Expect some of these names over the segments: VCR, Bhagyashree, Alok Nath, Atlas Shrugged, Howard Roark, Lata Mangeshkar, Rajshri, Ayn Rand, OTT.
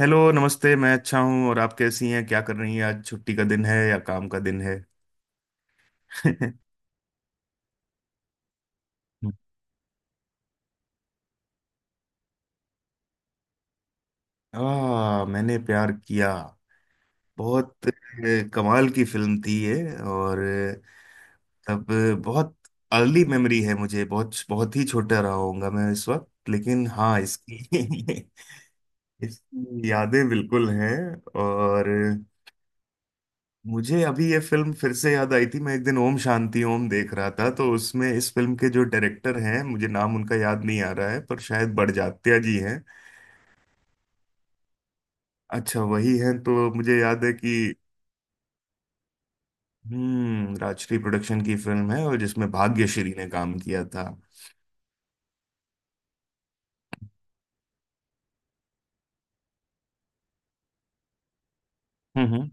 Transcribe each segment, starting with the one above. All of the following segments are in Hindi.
हेलो नमस्ते। मैं अच्छा हूँ। और आप कैसी हैं, क्या कर रही हैं? आज छुट्टी का दिन है या काम का दिन है? आ, मैंने प्यार किया। बहुत कमाल की फिल्म थी ये। और बहुत अर्ली मेमोरी है मुझे। बहुत बहुत ही छोटा रहा होऊंगा मैं इस वक्त, लेकिन हाँ इसकी इसकी यादें बिल्कुल हैं। और मुझे अभी ये फिल्म फिर से याद आई थी। मैं एक दिन ओम शांति ओम देख रहा था, तो उसमें इस फिल्म के जो डायरेक्टर हैं, मुझे नाम उनका याद नहीं आ रहा है, पर शायद बड़जात्या जी हैं। अच्छा, वही हैं। तो मुझे याद है कि राजश्री प्रोडक्शन की फिल्म है, और जिसमें भाग्यश्री ने काम किया था। हम्म हम्म।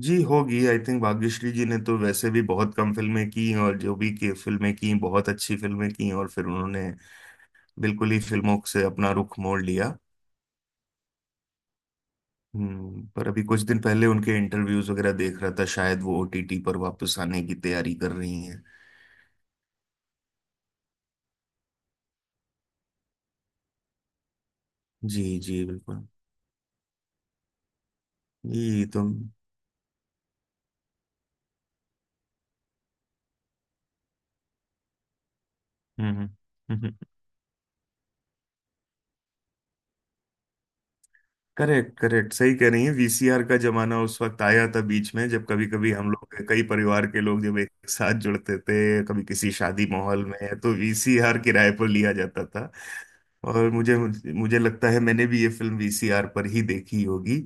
जी, होगी आई थिंक। भाग्यश्री जी ने तो वैसे भी बहुत कम फिल्में की, और जो भी की फिल्में की, बहुत अच्छी फिल्में की, और फिर उन्होंने बिल्कुल ही फिल्मों से अपना रुख मोड़ लिया। पर अभी कुछ दिन पहले उनके इंटरव्यूज वगैरह देख रहा था, शायद वो ओटीटी पर वापस आने की तैयारी कर रही हैं। जी जी बिल्कुल। ये तुम। हम्म हम्म। करेक्ट करेक्ट, सही कह रही है। वीसीआर का जमाना उस वक्त आया था बीच में, जब कभी कभी हम लोग, कई परिवार के लोग जब एक साथ जुड़ते थे, कभी किसी शादी माहौल में, तो वीसीआर किराए पर लिया जाता था। और मुझे मुझे लगता है मैंने भी ये फिल्म वीसीआर पर ही देखी होगी।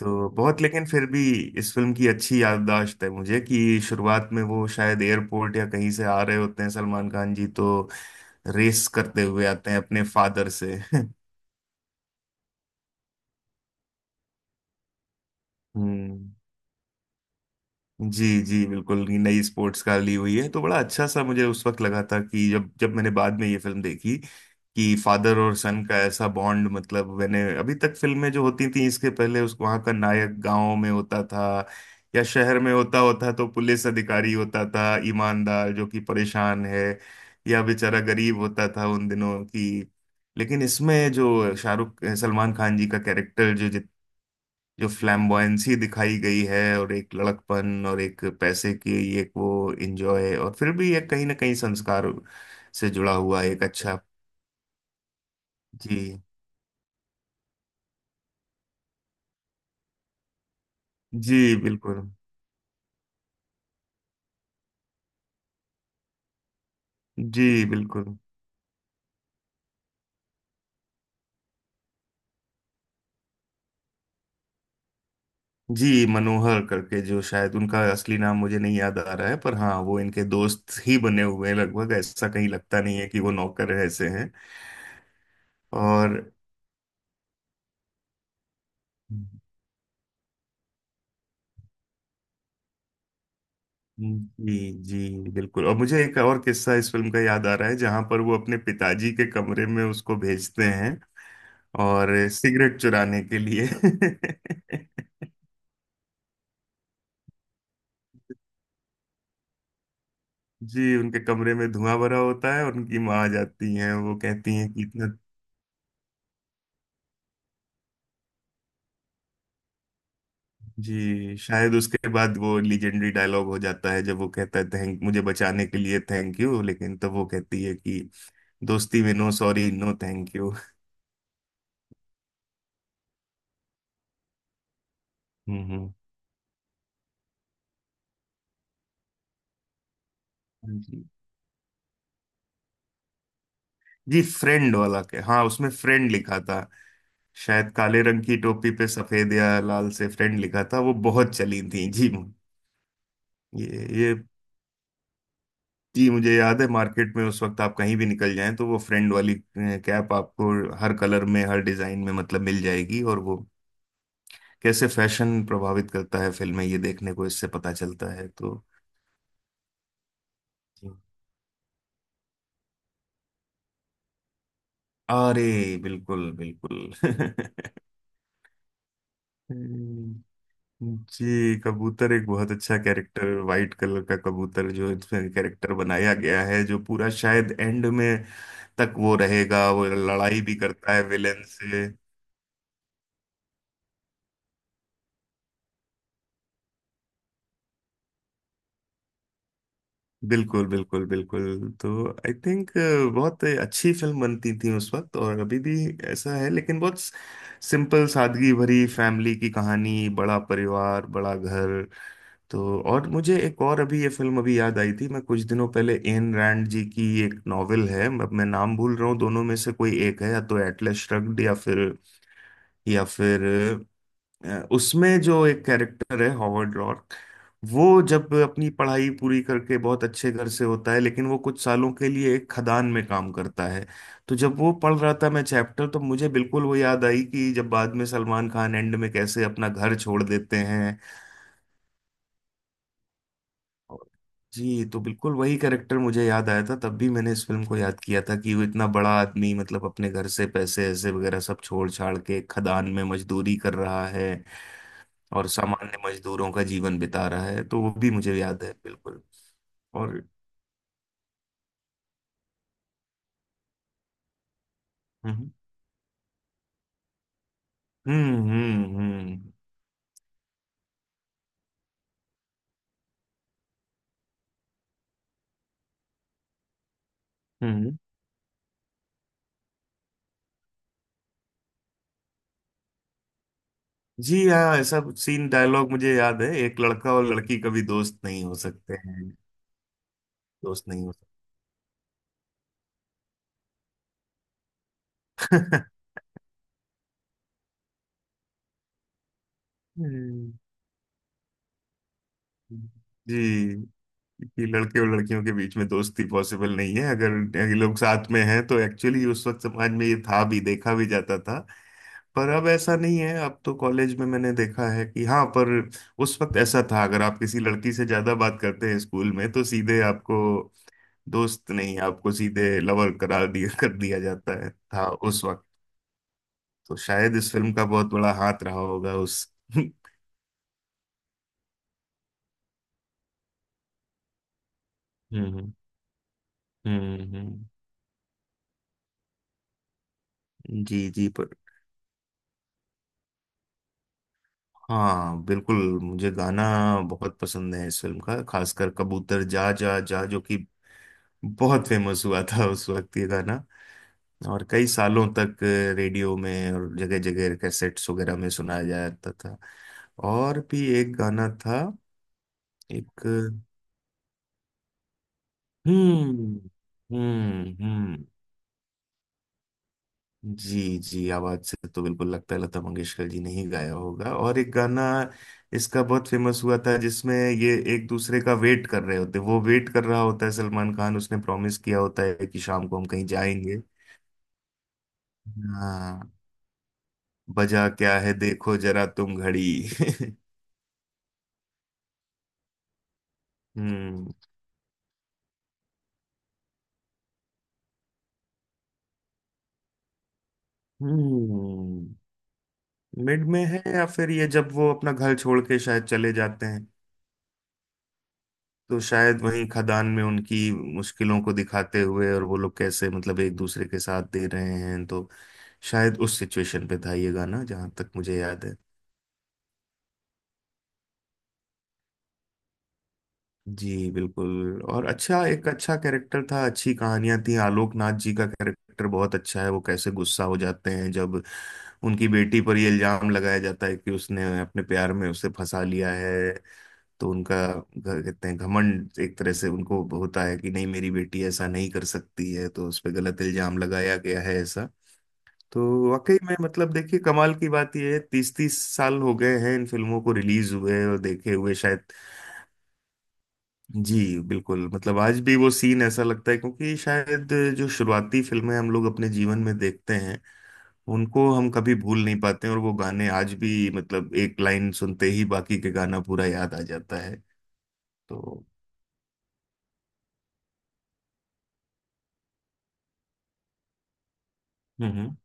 तो बहुत, लेकिन फिर भी इस फिल्म की अच्छी याददाश्त है मुझे कि शुरुआत में वो शायद एयरपोर्ट या कहीं से आ रहे होते हैं, सलमान खान जी, तो रेस करते हुए आते हैं अपने फादर से। हम्म। जी जी बिल्कुल, ये नई स्पोर्ट्स कार ली हुई है। तो बड़ा अच्छा सा मुझे उस वक्त लगा था कि जब जब मैंने बाद में ये फिल्म देखी कि फादर और सन का ऐसा बॉन्ड, मतलब मैंने अभी तक फिल्में जो होती थी इसके पहले, उस वहाँ का नायक गांव में होता था, या शहर में होता होता तो पुलिस अधिकारी होता था ईमानदार जो कि परेशान है, या बेचारा गरीब होता था उन दिनों की। लेकिन इसमें जो शाहरुख सलमान खान जी का कैरेक्टर, जो जितना जो फ्लैम्बॉयंसी दिखाई गई है, और एक लड़कपन और एक पैसे की ये वो इंजॉय, और फिर भी ये कहीं ना कहीं संस्कार से जुड़ा हुआ एक अच्छा। जी जी बिल्कुल। जी बिल्कुल। जी, मनोहर करके, जो शायद उनका असली नाम मुझे नहीं याद आ रहा है, पर हाँ वो इनके दोस्त ही बने हुए हैं लगभग, ऐसा कहीं लगता नहीं है कि वो नौकर ऐसे हैं। और जी जी बिल्कुल। और मुझे एक और किस्सा इस फिल्म का याद आ रहा है, जहाँ पर वो अपने पिताजी के कमरे में उसको भेजते हैं, और सिगरेट चुराने के लिए। जी, उनके कमरे में धुआं भरा होता है और उनकी माँ आ जाती हैं, वो कहती हैं कि इतना। जी, शायद उसके बाद वो लीजेंडरी डायलॉग हो जाता है, जब वो कहता है थैंक, मुझे बचाने के लिए थैंक यू, लेकिन तब वो कहती है कि दोस्ती में no sorry no thank you. हम्म हम्म, जी जी। फ्रेंड वाला के, हाँ उसमें फ्रेंड लिखा था। शायद काले रंग की टोपी पे सफेद या लाल से फ्रेंड लिखा था। वो बहुत चली थी जी। ये ये जी, मुझे याद है मार्केट में उस वक्त आप कहीं भी निकल जाएं, तो वो फ्रेंड वाली कैप आपको हर कलर में, हर डिजाइन में मतलब मिल जाएगी। और वो कैसे फैशन प्रभावित करता है फिल्में, ये देखने को इससे पता चलता है। तो जी। अरे, बिल्कुल बिल्कुल। हम्म, जी। कबूतर एक बहुत अच्छा कैरेक्टर, वाइट कलर का कबूतर जो इसमें कैरेक्टर बनाया गया है, जो पूरा शायद एंड में तक वो रहेगा। वो लड़ाई भी करता है विलेन से। बिल्कुल बिल्कुल बिल्कुल। तो आई थिंक बहुत अच्छी फिल्म बनती थी उस वक्त, और अभी भी ऐसा है, लेकिन बहुत सिंपल सादगी भरी फैमिली की कहानी, बड़ा परिवार, बड़ा घर। तो और मुझे एक और अभी ये फिल्म अभी याद आई थी, मैं कुछ दिनों पहले एन रैंड जी की एक नॉवेल है, अब मैं नाम भूल रहा हूँ, दोनों में से कोई एक है, या तो एटलस श्रग्ड या फिर, या फिर उसमें जो एक कैरेक्टर है हॉवर्ड रॉक, वो जब अपनी पढ़ाई पूरी करके बहुत अच्छे घर से होता है, लेकिन वो कुछ सालों के लिए एक खदान में काम करता है। तो जब वो पढ़ रहा था मैं चैप्टर, तो मुझे बिल्कुल वो याद आई, कि जब बाद में सलमान खान एंड में कैसे अपना घर छोड़ देते हैं। और- जी, तो बिल्कुल वही कैरेक्टर मुझे याद आया था। तब भी मैंने इस फिल्म को याद किया था कि वो इतना बड़ा आदमी, मतलब अपने घर से पैसे ऐसे वगैरह सब छोड़ छाड़ के खदान में मजदूरी कर रहा है, और सामान्य मजदूरों का जीवन बिता रहा है, तो वो भी मुझे याद है बिल्कुल। और हम्म हम्म हम्म हम्म हम्म। जी हाँ, ऐसा सीन डायलॉग मुझे याद है, एक लड़का और लड़की कभी दोस्त नहीं हो सकते हैं, दोस्त नहीं हो सकते। जी, कि लड़के और लड़कियों के बीच में दोस्ती पॉसिबल नहीं है, अगर ये लोग साथ में हैं, तो एक्चुअली उस वक्त समाज में ये था, भी देखा भी जाता था। पर अब ऐसा नहीं है, अब तो कॉलेज में मैंने देखा है कि हाँ, पर उस वक्त ऐसा था, अगर आप किसी लड़की से ज्यादा बात करते हैं स्कूल में तो सीधे आपको दोस्त नहीं, आपको सीधे लवर करार दिया, कर दिया जाता है था उस वक्त। तो शायद इस फिल्म का बहुत बड़ा हाथ रहा होगा उस हम्म हम्म हम्म, हम्म। जी जी, पर हाँ बिल्कुल, मुझे गाना बहुत पसंद है इस फिल्म का, खासकर कबूतर जा जा जा, जो कि बहुत फेमस हुआ था उस वक्त, ये गाना, और कई सालों तक रेडियो में और जगह जगह कैसेट्स वगैरह में सुनाया जाता था। और भी एक गाना था, एक हम्म हम्म हम्म जी जी, आवाज से तो बिल्कुल लगता है लता मंगेशकर जी ने ही गाया होगा। और एक गाना इसका बहुत फेमस हुआ था, जिसमें ये एक दूसरे का वेट कर रहे होते, वो वेट कर रहा होता है सलमान खान, उसने प्रॉमिस किया होता है कि शाम को हम कहीं जाएंगे। हाँ, बजा क्या है देखो जरा तुम घड़ी। हम्म हम्म मिड में है, या फिर ये जब वो अपना घर छोड़ के शायद चले जाते हैं, तो शायद वही खदान में उनकी मुश्किलों को दिखाते हुए, और वो लोग कैसे मतलब एक दूसरे के साथ दे रहे हैं, तो शायद उस सिचुएशन पे था ये गाना, जहाँ तक मुझे याद है। जी बिल्कुल। और अच्छा, एक अच्छा कैरेक्टर था, अच्छी कहानियां थी। आलोक नाथ जी का कैरेक्टर बहुत अच्छा है, वो कैसे गुस्सा हो जाते हैं जब उनकी बेटी पर ये इल्जाम लगाया जाता है कि उसने अपने प्यार में उसे फंसा लिया है। तो उनका कहते हैं घमंड एक तरह से उनको होता है कि नहीं, मेरी बेटी ऐसा नहीं कर सकती है, तो उस पर गलत इल्जाम लगाया गया है ऐसा। तो वाकई में मतलब देखिए, कमाल की बात यह है, 30 30 साल हो गए हैं इन फिल्मों को रिलीज हुए और देखे हुए शायद। जी बिल्कुल, मतलब आज भी वो सीन ऐसा लगता है, क्योंकि शायद जो शुरुआती फिल्में हम लोग अपने जीवन में देखते हैं, उनको हम कभी भूल नहीं पाते हैं, और वो गाने आज भी मतलब एक लाइन सुनते ही बाकी के गाना पूरा याद आ जाता है। तो हम्म।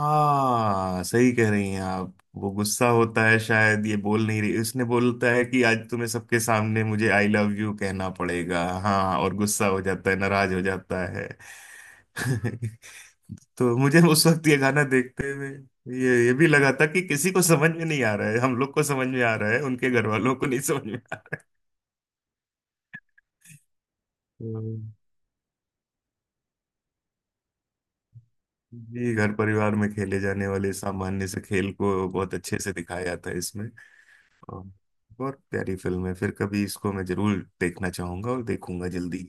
हाँ, सही कह रही हैं आप, वो गुस्सा होता है, शायद ये बोल नहीं रही, उसने बोलता है कि आज तुम्हें सबके सामने मुझे आई लव यू कहना पड़ेगा, हाँ, और गुस्सा हो जाता है, नाराज हो जाता है। तो मुझे उस वक्त ये गाना देखते हुए ये भी लगा था कि किसी को समझ में नहीं आ रहा है, हम लोग को समझ में आ रहा है, उनके घर वालों को नहीं समझ में आ रहा है। तो जी घर परिवार में खेले जाने वाले सामान्य से खेल को बहुत अच्छे से दिखाया था इसमें। हाँ, बहुत प्यारी फिल्म है, फिर कभी इसको मैं जरूर देखना चाहूंगा, और देखूंगा जल्दी।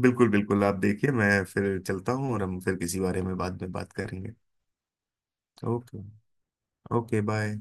बिल्कुल बिल्कुल, आप देखिए, मैं फिर चलता हूँ, और हम फिर किसी बारे में बाद में बात करेंगे। ओके। Okay, bye.